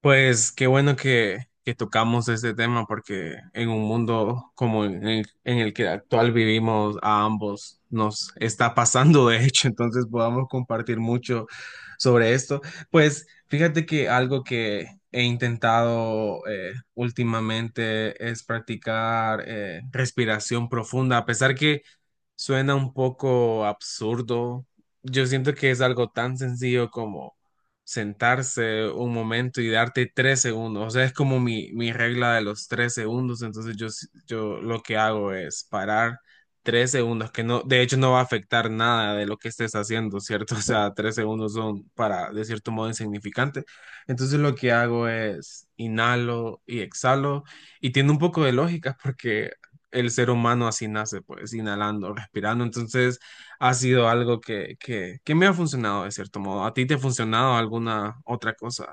Pues qué bueno que tocamos este tema porque en un mundo como en el que actual vivimos a ambos nos está pasando de hecho, entonces podamos compartir mucho sobre esto. Pues fíjate que algo que he intentado últimamente es practicar respiración profunda, a pesar que suena un poco absurdo, yo siento que es algo tan sencillo sentarse un momento y darte tres segundos. O sea, es como mi regla de los tres segundos. Entonces yo lo que hago es parar tres segundos, que no, de hecho no va a afectar nada de lo que estés haciendo, ¿cierto? O sea, tres segundos son para, de cierto modo, insignificante. Entonces lo que hago es inhalo y exhalo. Y tiene un poco de lógica porque el ser humano así nace, pues, inhalando, respirando. Entonces ha sido algo que me ha funcionado de cierto modo. ¿A ti te ha funcionado alguna otra cosa?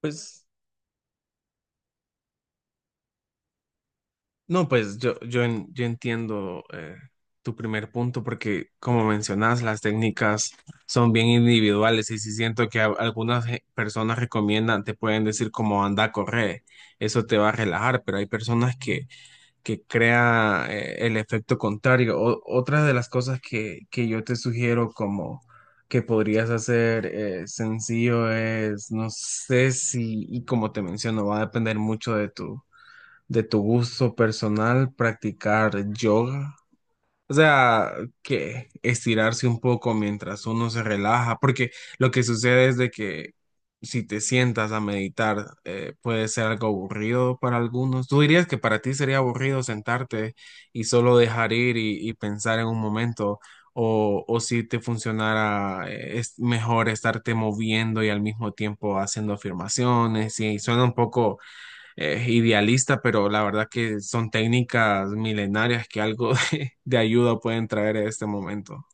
Pues no, pues yo, en- Yo entiendo tu primer punto porque como mencionas, las técnicas son bien individuales y si siento que personas recomiendan, te pueden decir como anda, corre, eso te va a relajar, pero hay personas que crea el efecto contrario. Otra de las cosas que yo te sugiero como que podrías hacer sencillo es, no sé si, y como te menciono, va a depender mucho de tu gusto personal, practicar yoga. O sea, que estirarse un poco mientras uno se relaja, porque lo que sucede es de que si te sientas a meditar, puede ser algo aburrido para algunos. ¿Tú dirías que para ti sería aburrido sentarte y solo dejar ir y pensar en un momento? O si te funcionara, es mejor estarte moviendo y al mismo tiempo haciendo afirmaciones, y suena un poco idealista, pero la verdad que son técnicas milenarias que algo de ayuda pueden traer en este momento.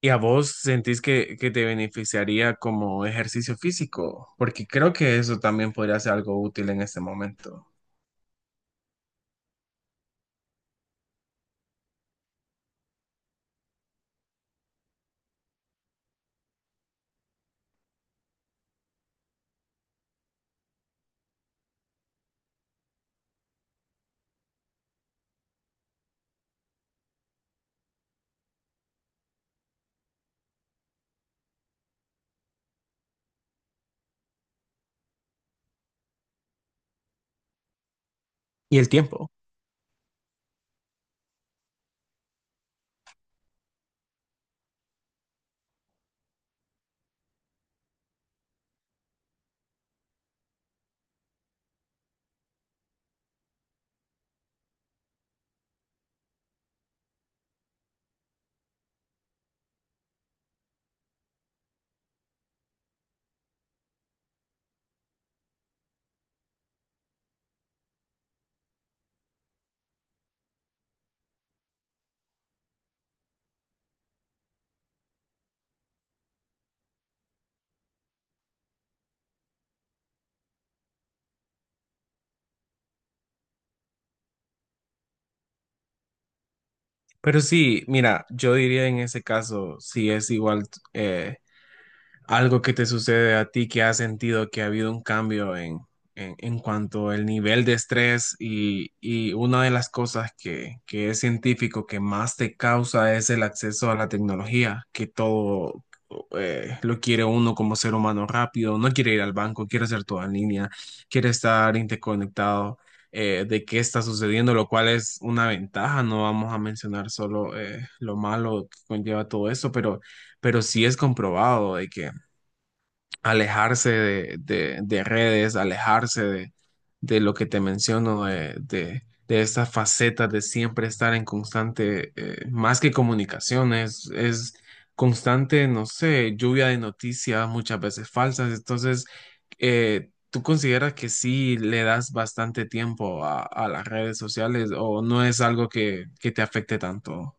¿Y a vos sentís que te beneficiaría como ejercicio físico? Porque creo que eso también podría ser algo útil en este momento. Y el tiempo. Pero sí, mira, yo diría en ese caso, si es igual eh, algo que te sucede a ti que has sentido que ha habido un cambio en cuanto al nivel de estrés y una de las cosas que es científico que más te causa es el acceso a la tecnología, que todo lo quiere uno como ser humano rápido, no quiere ir al banco, quiere hacer todo en línea, quiere estar interconectado. De qué está sucediendo, lo cual es una ventaja, no vamos a mencionar solo lo malo que conlleva todo eso, pero sí es comprobado de que alejarse de redes, alejarse de lo que te menciono, de esta faceta de siempre estar en constante, más que comunicación, es constante, no sé, lluvia de noticias muchas veces falsas. Entonces, ¿tú consideras que sí le das bastante tiempo a las redes sociales o no es algo que te afecte tanto?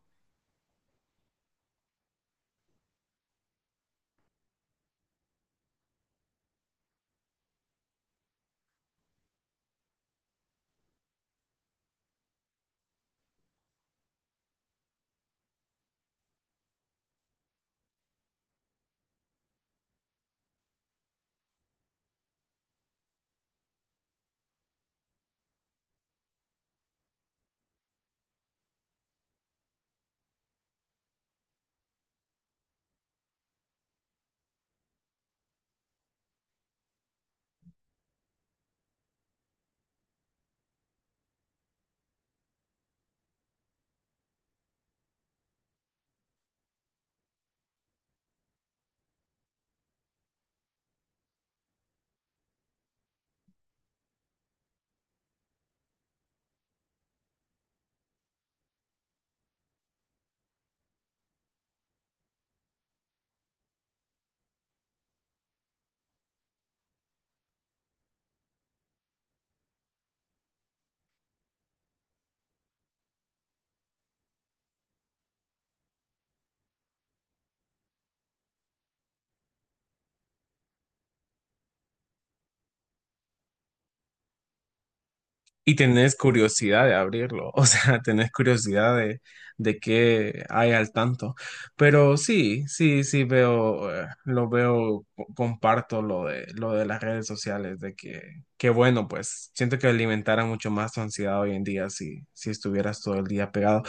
Y tenés curiosidad de abrirlo, o sea, tenés curiosidad de qué hay al tanto. Pero sí, sí, sí veo, lo veo, comparto lo de las redes sociales, de que bueno, pues siento que alimentara mucho más tu ansiedad hoy en día si, si estuvieras todo el día pegado.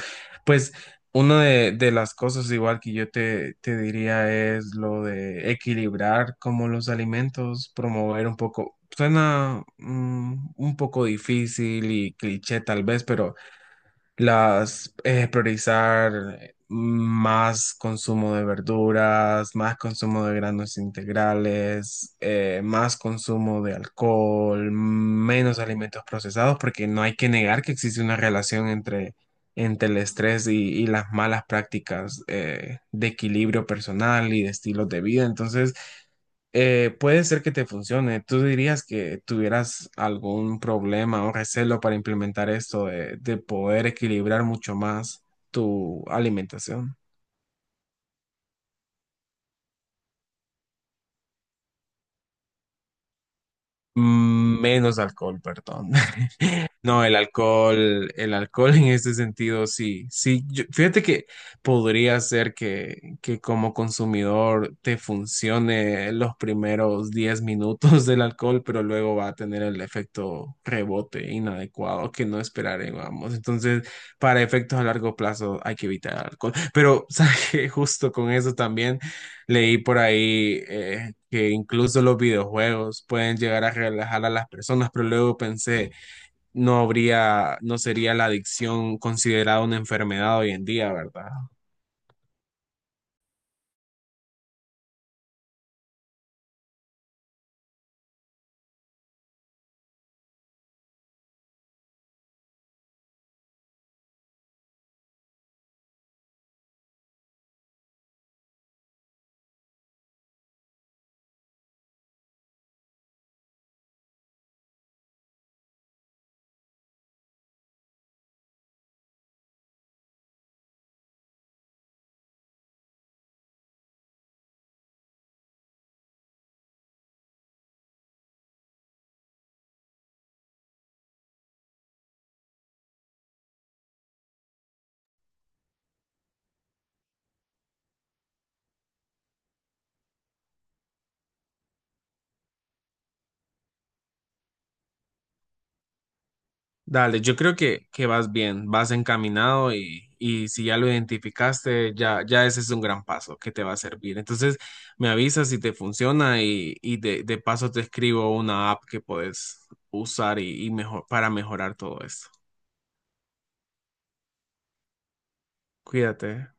Pues una de las cosas igual que yo te diría es lo de equilibrar como los alimentos, promover un poco, suena un poco difícil y cliché tal vez, pero las priorizar más consumo de verduras, más consumo de granos integrales, más consumo de alcohol, menos alimentos procesados, porque no hay que negar que existe una relación entre, entre el estrés y las malas prácticas de equilibrio personal y de estilos de vida. Entonces, puede ser que te funcione. ¿Tú dirías que tuvieras algún problema o recelo para implementar esto de poder equilibrar mucho más tu alimentación? Menos alcohol, perdón. No, el alcohol en este sentido, sí, sí, yo- fíjate que podría ser que como consumidor te funcione los primeros 10 minutos del alcohol, pero luego va a tener el efecto rebote inadecuado que no esperábamos. Entonces, para efectos a largo plazo hay que evitar el alcohol. Pero, ¿sabes qué? Justo con eso también leí por ahí que incluso los videojuegos pueden llegar a relajar a las personas, pero luego pensé no habría, no sería la adicción considerada una enfermedad hoy en día, ¿verdad? Dale, yo creo que vas bien, vas encaminado y si ya lo identificaste, ya, ya ese es un gran paso que te va a servir. Entonces, me avisas si te funciona y de paso te escribo una app que puedes usar y mejor, para mejorar todo esto. Cuídate.